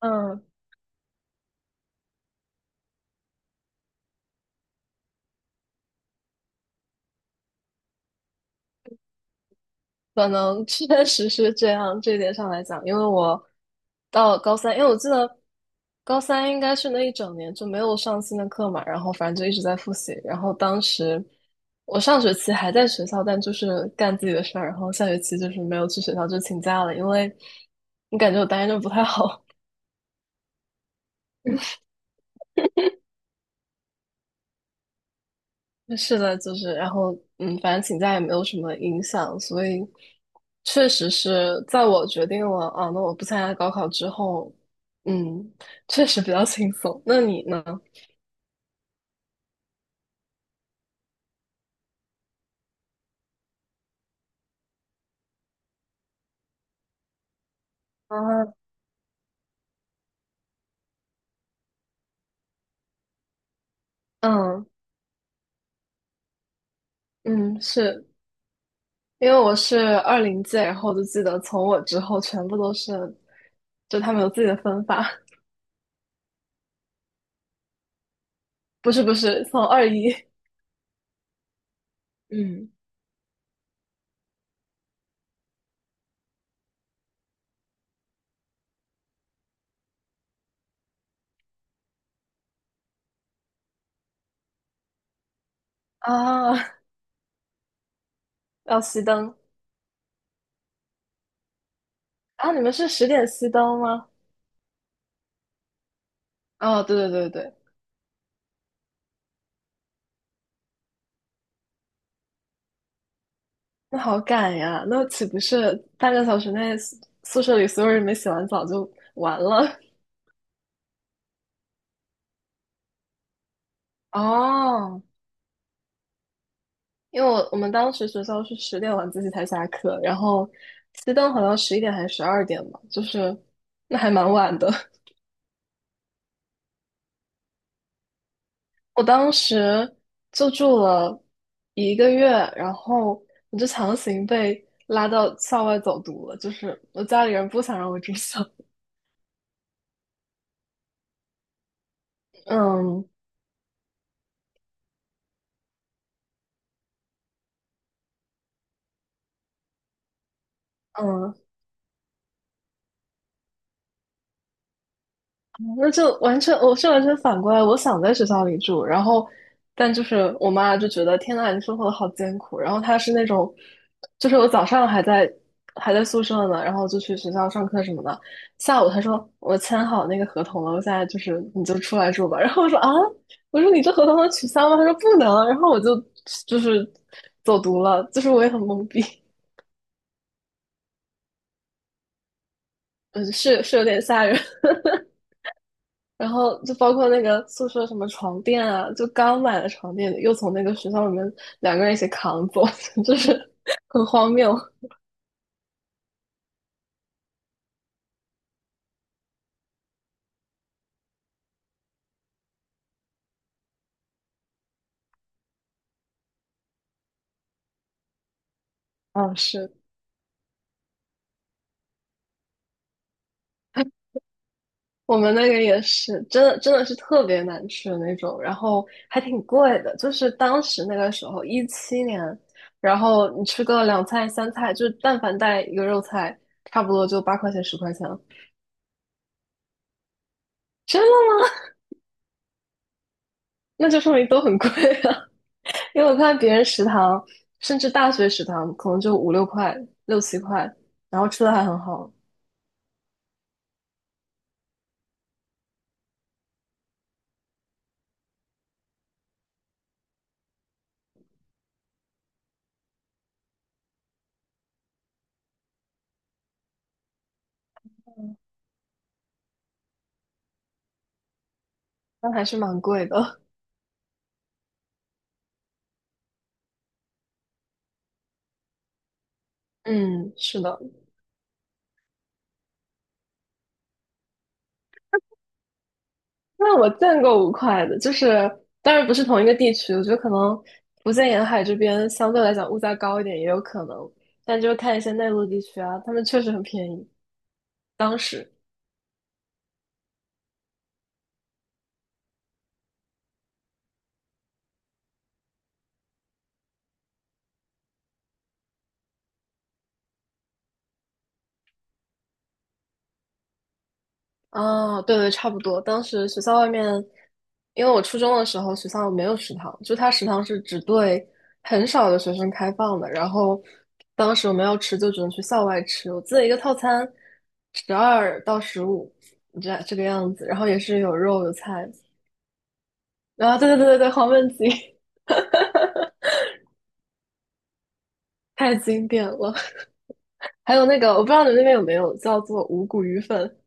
嗯，可能确实是这样，这一点上来讲，因为我到高三，因为我记得高三应该是那一整年就没有上新的课嘛，然后反正就一直在复习，然后当时我上学期还在学校，但就是干自己的事儿，然后下学期就是没有去学校，就请假了，因为你感觉我答应着不太好，是的，就是，然后，反正请假也没有什么影响，所以确实是在我决定了啊，那我不参加高考之后，嗯，确实比较轻松。那你呢？啊，嗯嗯，是因为我是2020届，然后我就记得从我之后全部都是，就他们有自己的分法。不是不是，从21。 嗯啊，要熄灯啊，你们是十点熄灯吗？哦，对对对对，那好赶呀！那岂不是半个小时内宿舍里所有人没洗完澡就完了？哦，因为我们当时学校是十点晚自习才下课，然后熄灯好像11点还是12点吧，就是那还蛮晚的。我当时就住了一个月，然后我就强行被拉到校外走读了，就是我家里人不想让我住校。嗯嗯，那就完全，我是完全反过来。我想在学校里住，然后，但就是我妈就觉得天呐，你生活的好艰苦。然后她是那种，就是我早上还在宿舍呢，然后就去学校上课什么的。下午她说我签好那个合同了，我现在就是你就出来住吧。然后我说啊，我说你这合同能取消吗？她说不能。然后我就走读了，就是我也很懵逼，嗯，是有点吓人。然后就包括那个宿舍什么床垫啊，就刚买的床垫又从那个学校里面两个人一起扛走，就是很荒谬。嗯，是。 我们那个也是，真的真的是特别难吃的那种，然后还挺贵的，就是当时那个时候2017年，然后你吃个两菜三菜，就是但凡带一个肉菜，差不多就8块钱10块钱了。真的吗？那就说明都很贵啊。因为我看别人食堂，甚至大学食堂，可能就5、6块、6、7块，然后吃的还很好，但还是蛮贵的。嗯，是的。那我见过5块的，就是当然不是同一个地区，我觉得可能福建沿海这边相对来讲物价高一点也有可能，但就是看一些内陆地区啊，他们确实很便宜。当时，啊，对对，差不多。当时学校外面，因为我初中的时候学校没有食堂，就它食堂是只对很少的学生开放的。然后当时我们要吃，就只能去校外吃。我记得一个套餐12到15，这个样子。然后也是有肉有菜。啊，对对对对对，黄焖鸡。 太经典了。还有那个，我不知道你们那边有没有叫做五谷鱼粉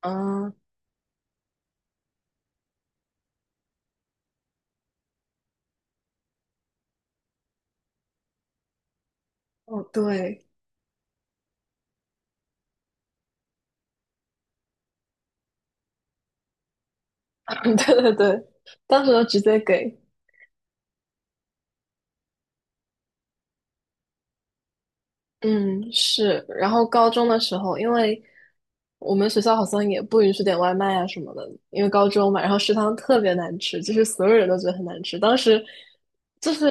啊？哦，对。对对对，当时就直接给。嗯，是。然后高中的时候，因为我们学校好像也不允许点外卖啊什么的，因为高中嘛，然后食堂特别难吃，就是所有人都觉得很难吃。当时就是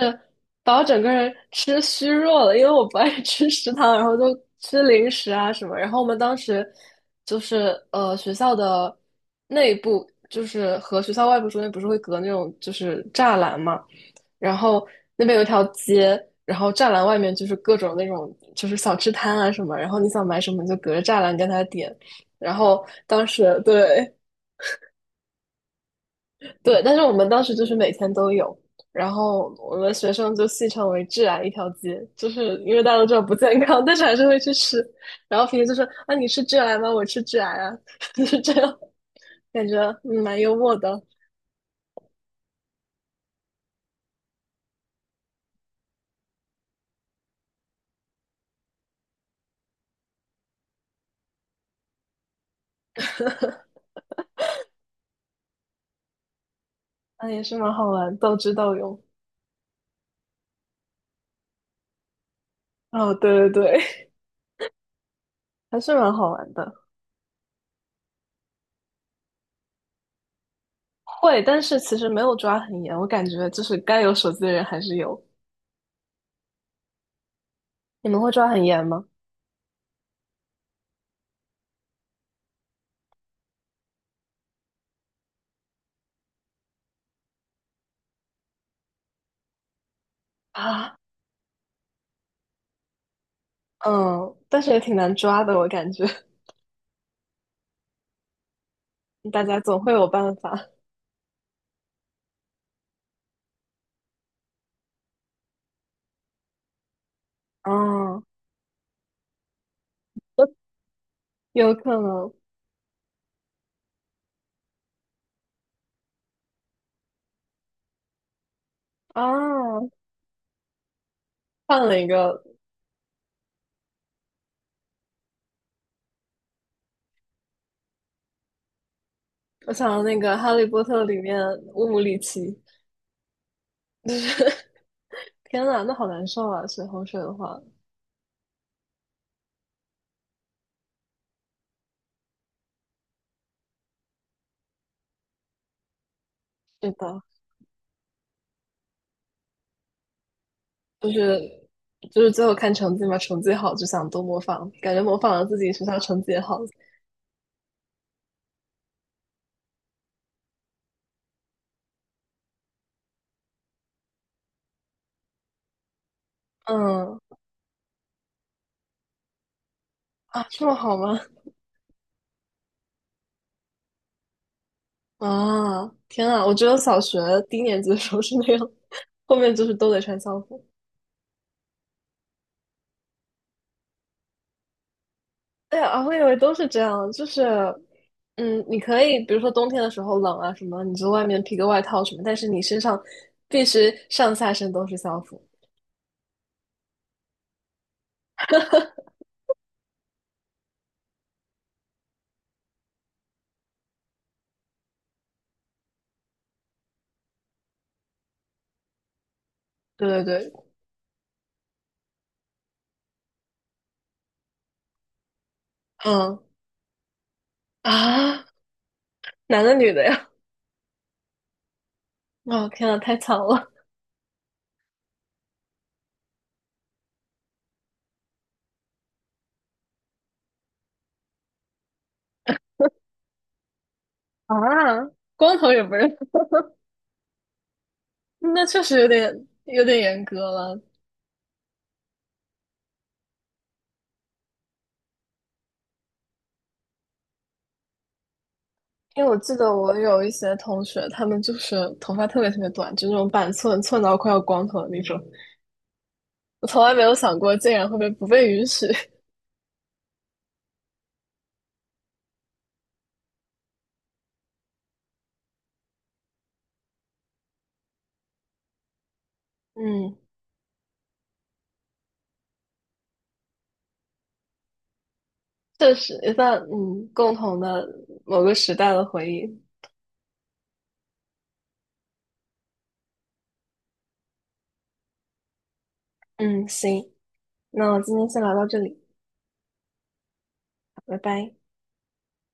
把我整个人吃虚弱了，因为我不爱吃食堂，然后就吃零食啊什么。然后我们当时就是学校的内部，就是和学校外部中间不是会隔那种就是栅栏嘛。然后那边有一条街，然后栅栏外面就是各种那种就是小吃摊啊什么，然后你想买什么你就隔着栅栏跟他点。然后当时，对对，但是我们当时就是每天都有，然后我们学生就戏称为"致癌一条街"，就是因为大家都知道不健康，但是还是会去吃。然后平时就说啊，你吃致癌吗？我吃致癌啊。就是这样，感觉蛮幽默的，啊也是蛮好玩，斗智斗勇。哦，对对对。还是蛮好玩的。会，但是其实没有抓很严，我感觉就是该有手机的人还是有。你们会抓很严吗？啊，嗯，但是也挺难抓的，我感觉。 大家总会有办法。啊，有可能啊，换了一个，我想到那个《哈利波特》里面乌姆里奇，就是。 天呐，那好难受啊！水衡水的话，是的，就是就是最后看成绩嘛，成绩好就想多模仿，感觉模仿了自己学校成绩也好。嗯啊，这么好吗？啊，天啊！我觉得小学低年级的时候是那样。后面就是都得穿校服。对啊，我以为都是这样，就是，你可以比如说冬天的时候冷啊什么，你就外面披个外套什么，但是你身上必须上下身都是校服。对对对，嗯啊，男的女的呀？啊，天啊，太惨了。 啊！光头也不认。那确实有点严格了。因为我记得我有一些同学，他们就是头发特别特别短，就那种板寸，寸到快要光头的那种。我从来没有想过，竟然会被不被允许。嗯，确实一段共同的某个时代的回忆。嗯，行，那我今天先聊到这里，拜拜。